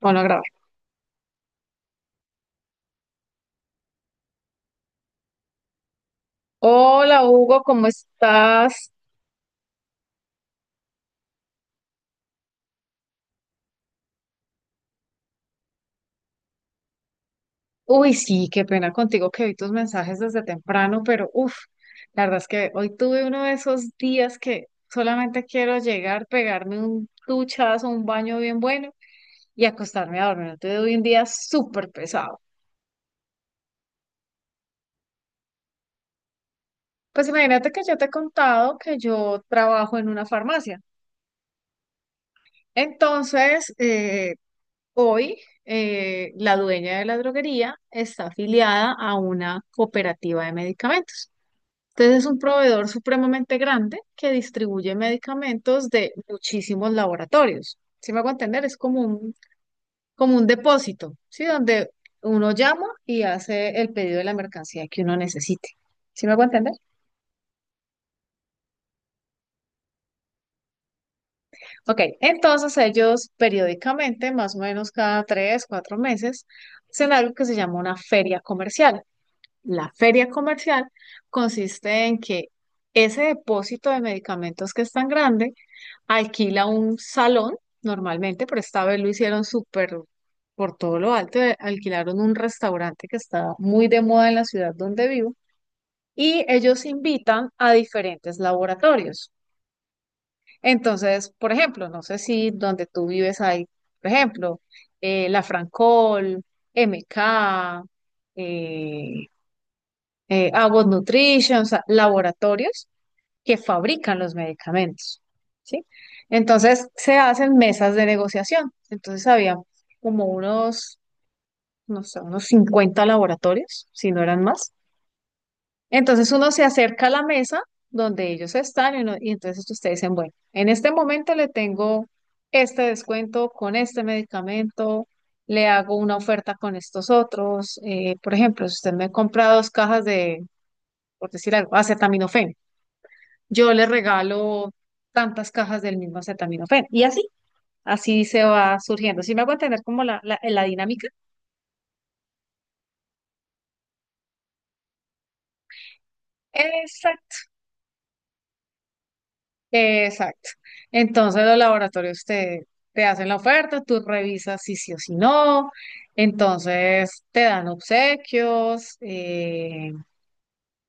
Bueno, grabé. Hola Hugo, ¿cómo estás? Uy, sí, qué pena contigo que vi tus mensajes desde temprano, pero uff, la verdad es que hoy tuve uno de esos días que solamente quiero llegar, pegarme un duchazo, un baño bien bueno y acostarme a dormir. Tuve un día súper pesado. Pues imagínate que yo te he contado que yo trabajo en una farmacia. Entonces, hoy, la dueña de la droguería está afiliada a una cooperativa de medicamentos. Entonces, es un proveedor supremamente grande que distribuye medicamentos de muchísimos laboratorios. Si me hago entender, es como un depósito, ¿sí? Donde uno llama y hace el pedido de la mercancía que uno necesite. ¿Sí me hago entender? Ok, entonces ellos periódicamente, más o menos cada tres, cuatro meses, hacen algo que se llama una feria comercial. La feria comercial consiste en que ese depósito de medicamentos que es tan grande alquila un salón normalmente, pero esta vez lo hicieron súper por todo lo alto, alquilaron un restaurante que está muy de moda en la ciudad donde vivo y ellos invitan a diferentes laboratorios. Entonces, por ejemplo, no sé si donde tú vives hay, por ejemplo, la Francol, MK, eh, Abbott Nutrition, o sea, laboratorios que fabrican los medicamentos, ¿sí? Entonces se hacen mesas de negociación. Entonces había como unos, no sé, unos 50 laboratorios, si no eran más. Entonces uno se acerca a la mesa donde ellos están y entonces ustedes dicen, bueno, en este momento le tengo este descuento con este medicamento, le hago una oferta con estos otros. Por ejemplo, si usted me compra dos cajas por decir algo, acetaminofén. Yo le regalo tantas cajas del mismo acetaminofén. Y así, así se va surgiendo. Si me hago entender como la dinámica. Exacto, exacto. Entonces los laboratorios te hacen la oferta, tú revisas si sí o si no. Entonces te dan obsequios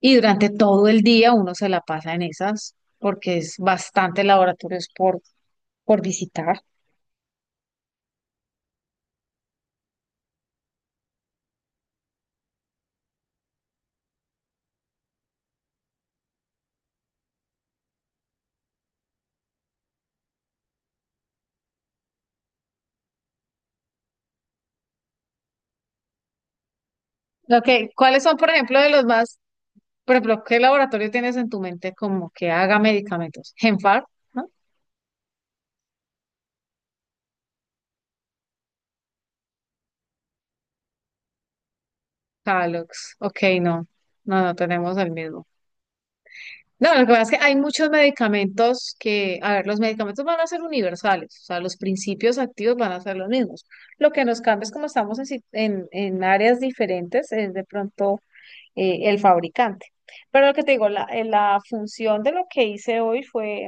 y durante todo el día uno se la pasa en esas porque es bastante laboratorios por visitar. Ok, ¿cuáles son, por ejemplo, de los más— Por ejemplo, ¿qué laboratorio tienes en tu mente como que haga medicamentos? Genfar, ¿no? Calox. Ok, no. No, no tenemos el mismo. No, lo que pasa es que hay muchos medicamentos que, a ver, los medicamentos van a ser universales, o sea, los principios activos van a ser los mismos. Lo que nos cambia es como estamos en, si- en áreas diferentes, es de pronto el fabricante. Pero lo que te digo, la función de lo que hice hoy fue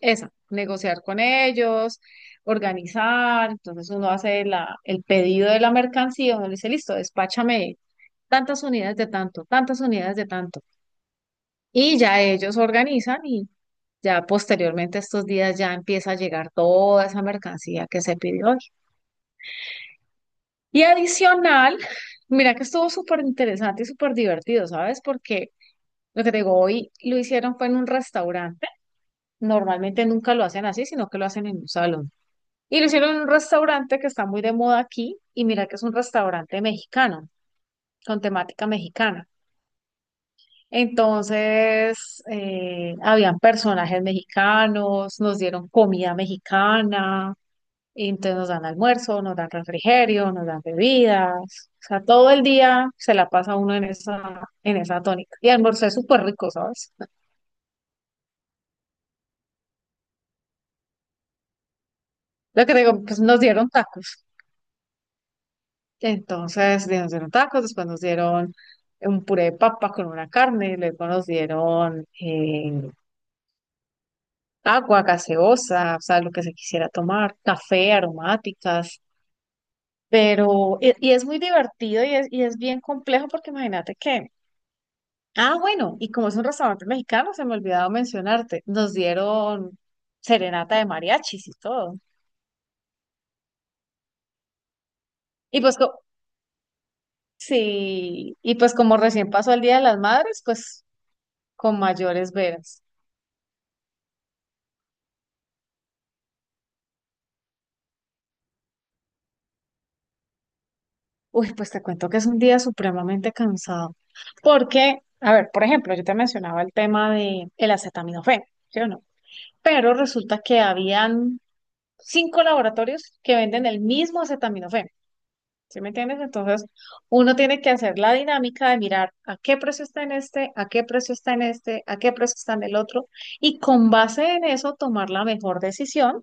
esa, negociar con ellos, organizar. Entonces uno hace la, el pedido de la mercancía, uno le dice, listo, despáchame tantas unidades de tanto, tantas unidades de tanto. Y ya ellos organizan y ya posteriormente estos días ya empieza a llegar toda esa mercancía que se pidió hoy. Y adicional, mira que estuvo súper interesante y súper divertido, ¿sabes? Porque lo que te digo, hoy lo hicieron fue en un restaurante. Normalmente nunca lo hacen así, sino que lo hacen en un salón. Y lo hicieron en un restaurante que está muy de moda aquí. Y mira que es un restaurante mexicano, con temática mexicana. Entonces, habían personajes mexicanos, nos dieron comida mexicana, y entonces nos dan almuerzo, nos dan refrigerio, nos dan bebidas. O sea, todo el día se la pasa uno en esa tónica. Y almorzó súper rico, ¿sabes? Lo que te digo, pues nos dieron tacos. Entonces, nos dieron tacos, después nos dieron un puré de papa con una carne, y luego nos dieron agua, gaseosa, o sea, lo que se quisiera tomar, café, aromáticas, pero, y es muy divertido y es bien complejo porque imagínate que, ah, bueno, y como es un restaurante mexicano, se me ha olvidado mencionarte, nos dieron serenata de mariachis y todo. Y pues, sí, y pues como recién pasó el Día de las Madres, pues con mayores veras. Uy, pues te cuento que es un día supremamente cansado. Porque, a ver, por ejemplo, yo te mencionaba el tema de el acetaminofén, ¿sí o no? Pero resulta que habían cinco laboratorios que venden el mismo acetaminofén. ¿Sí me entiendes? Entonces, uno tiene que hacer la dinámica de mirar a qué precio está en este, a qué precio está en este, a qué precio está en el otro, y con base en eso tomar la mejor decisión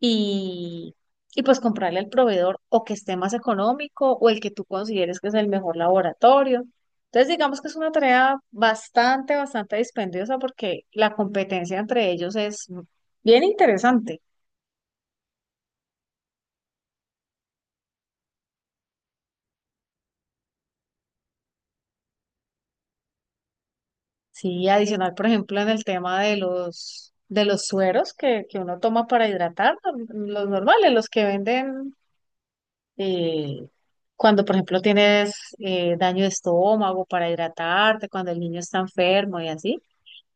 y, y pues comprarle al proveedor o que esté más económico o el que tú consideres que es el mejor laboratorio. Entonces, digamos que es una tarea bastante, bastante dispendiosa porque la competencia entre ellos es bien interesante. Sí, adicional, por ejemplo, en el tema de los sueros que uno toma para hidratar, los normales, los que venden eh, cuando, por ejemplo, tienes daño de estómago para hidratarte, cuando el niño está enfermo y así.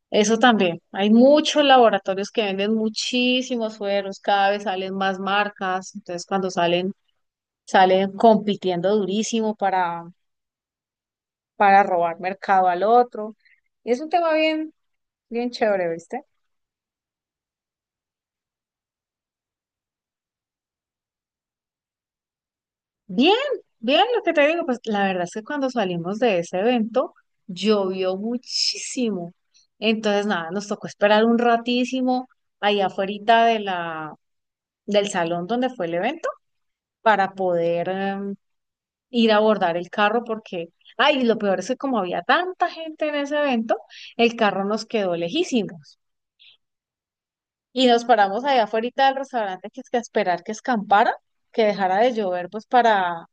Eso también. Hay muchos laboratorios que venden muchísimos sueros, cada vez salen más marcas, entonces cuando salen, salen compitiendo durísimo para robar mercado al otro. Y es un tema bien, bien chévere, ¿viste? Bien, bien, lo que te digo, pues la verdad es que cuando salimos de ese evento llovió muchísimo. Entonces, nada, nos tocó esperar un ratísimo ahí afuera de la, del salón donde fue el evento para poder ir a abordar el carro porque, ay, lo peor es que como había tanta gente en ese evento, el carro nos quedó lejísimos. Y nos paramos allá afuera del restaurante que es que a esperar que escampara, que dejara de llover, pues para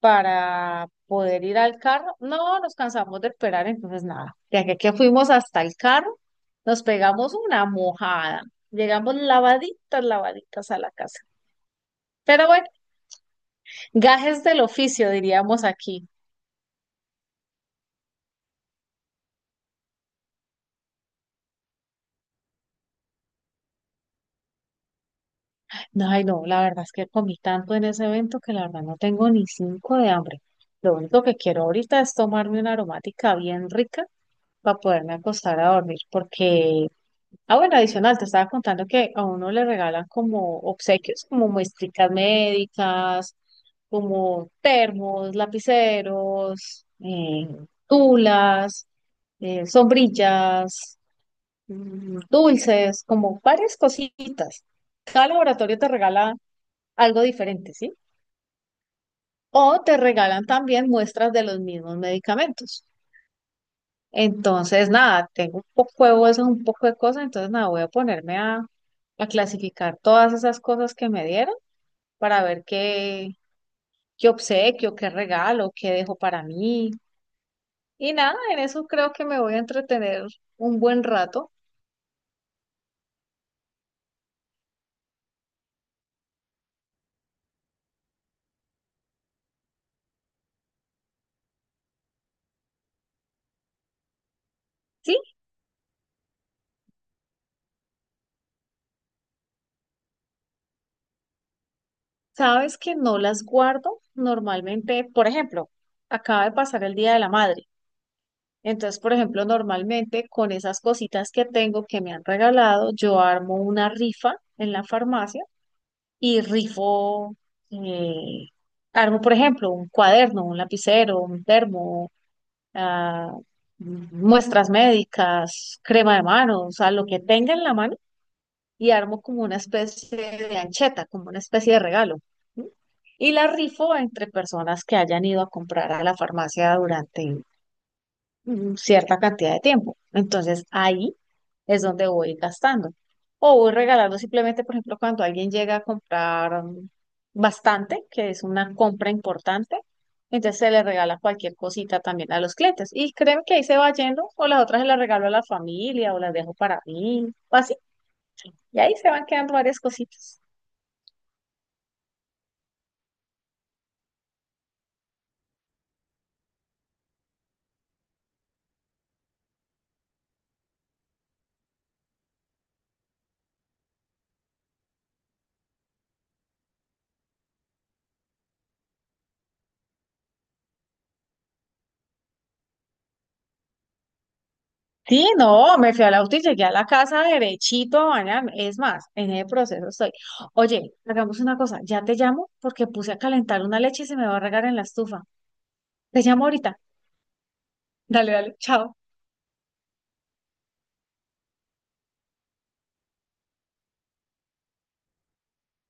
para poder ir al carro. No, nos cansamos de esperar, entonces nada. De aquí a que fuimos hasta el carro, nos pegamos una mojada. Llegamos lavaditas, lavaditas a la casa. Pero bueno, gajes del oficio, diríamos aquí. No, ay, no, la verdad es que comí tanto en ese evento que la verdad no tengo ni cinco de hambre. Lo único que quiero ahorita es tomarme una aromática bien rica para poderme acostar a dormir, porque— ah, bueno, adicional, te estaba contando que a uno le regalan como obsequios, como muestricas médicas, como termos, lapiceros, tulas, sombrillas, dulces, como varias cositas. Cada laboratorio te regala algo diferente, ¿sí? O te regalan también muestras de los mismos medicamentos. Entonces, nada, tengo un poco de huesos, un poco de cosas, entonces nada, voy a ponerme a clasificar todas esas cosas que me dieron para ver qué obsequio, qué regalo, qué dejo para mí. Y nada, en eso creo que me voy a entretener un buen rato. Sí, sabes que no las guardo normalmente, por ejemplo, acaba de pasar el Día de la Madre. Entonces, por ejemplo, normalmente con esas cositas que tengo que me han regalado, yo armo una rifa en la farmacia y rifo— eh, armo, por ejemplo, un cuaderno, un lapicero, un termo, ah, muestras médicas, crema de manos, o sea, lo que tenga en la mano y armo como una especie de ancheta, como una especie de regalo. ¿Sí? Y la rifo entre personas que hayan ido a comprar a la farmacia durante cierta cantidad de tiempo. Entonces ahí es donde voy gastando. O voy regalando simplemente, por ejemplo, cuando alguien llega a comprar bastante, que es una compra importante, entonces se le regala cualquier cosita también a los clientes. Y créeme que ahí se va yendo, o las otras se las regalo a la familia, o las dejo para mí, o así. Y ahí se van quedando varias cositas. Sí, no, me fui al auto y llegué a la casa derechito a bañarme. Es más, en el proceso estoy. Oye, hagamos una cosa, ya te llamo porque puse a calentar una leche y se me va a regar en la estufa. Te llamo ahorita. Dale, dale, chao.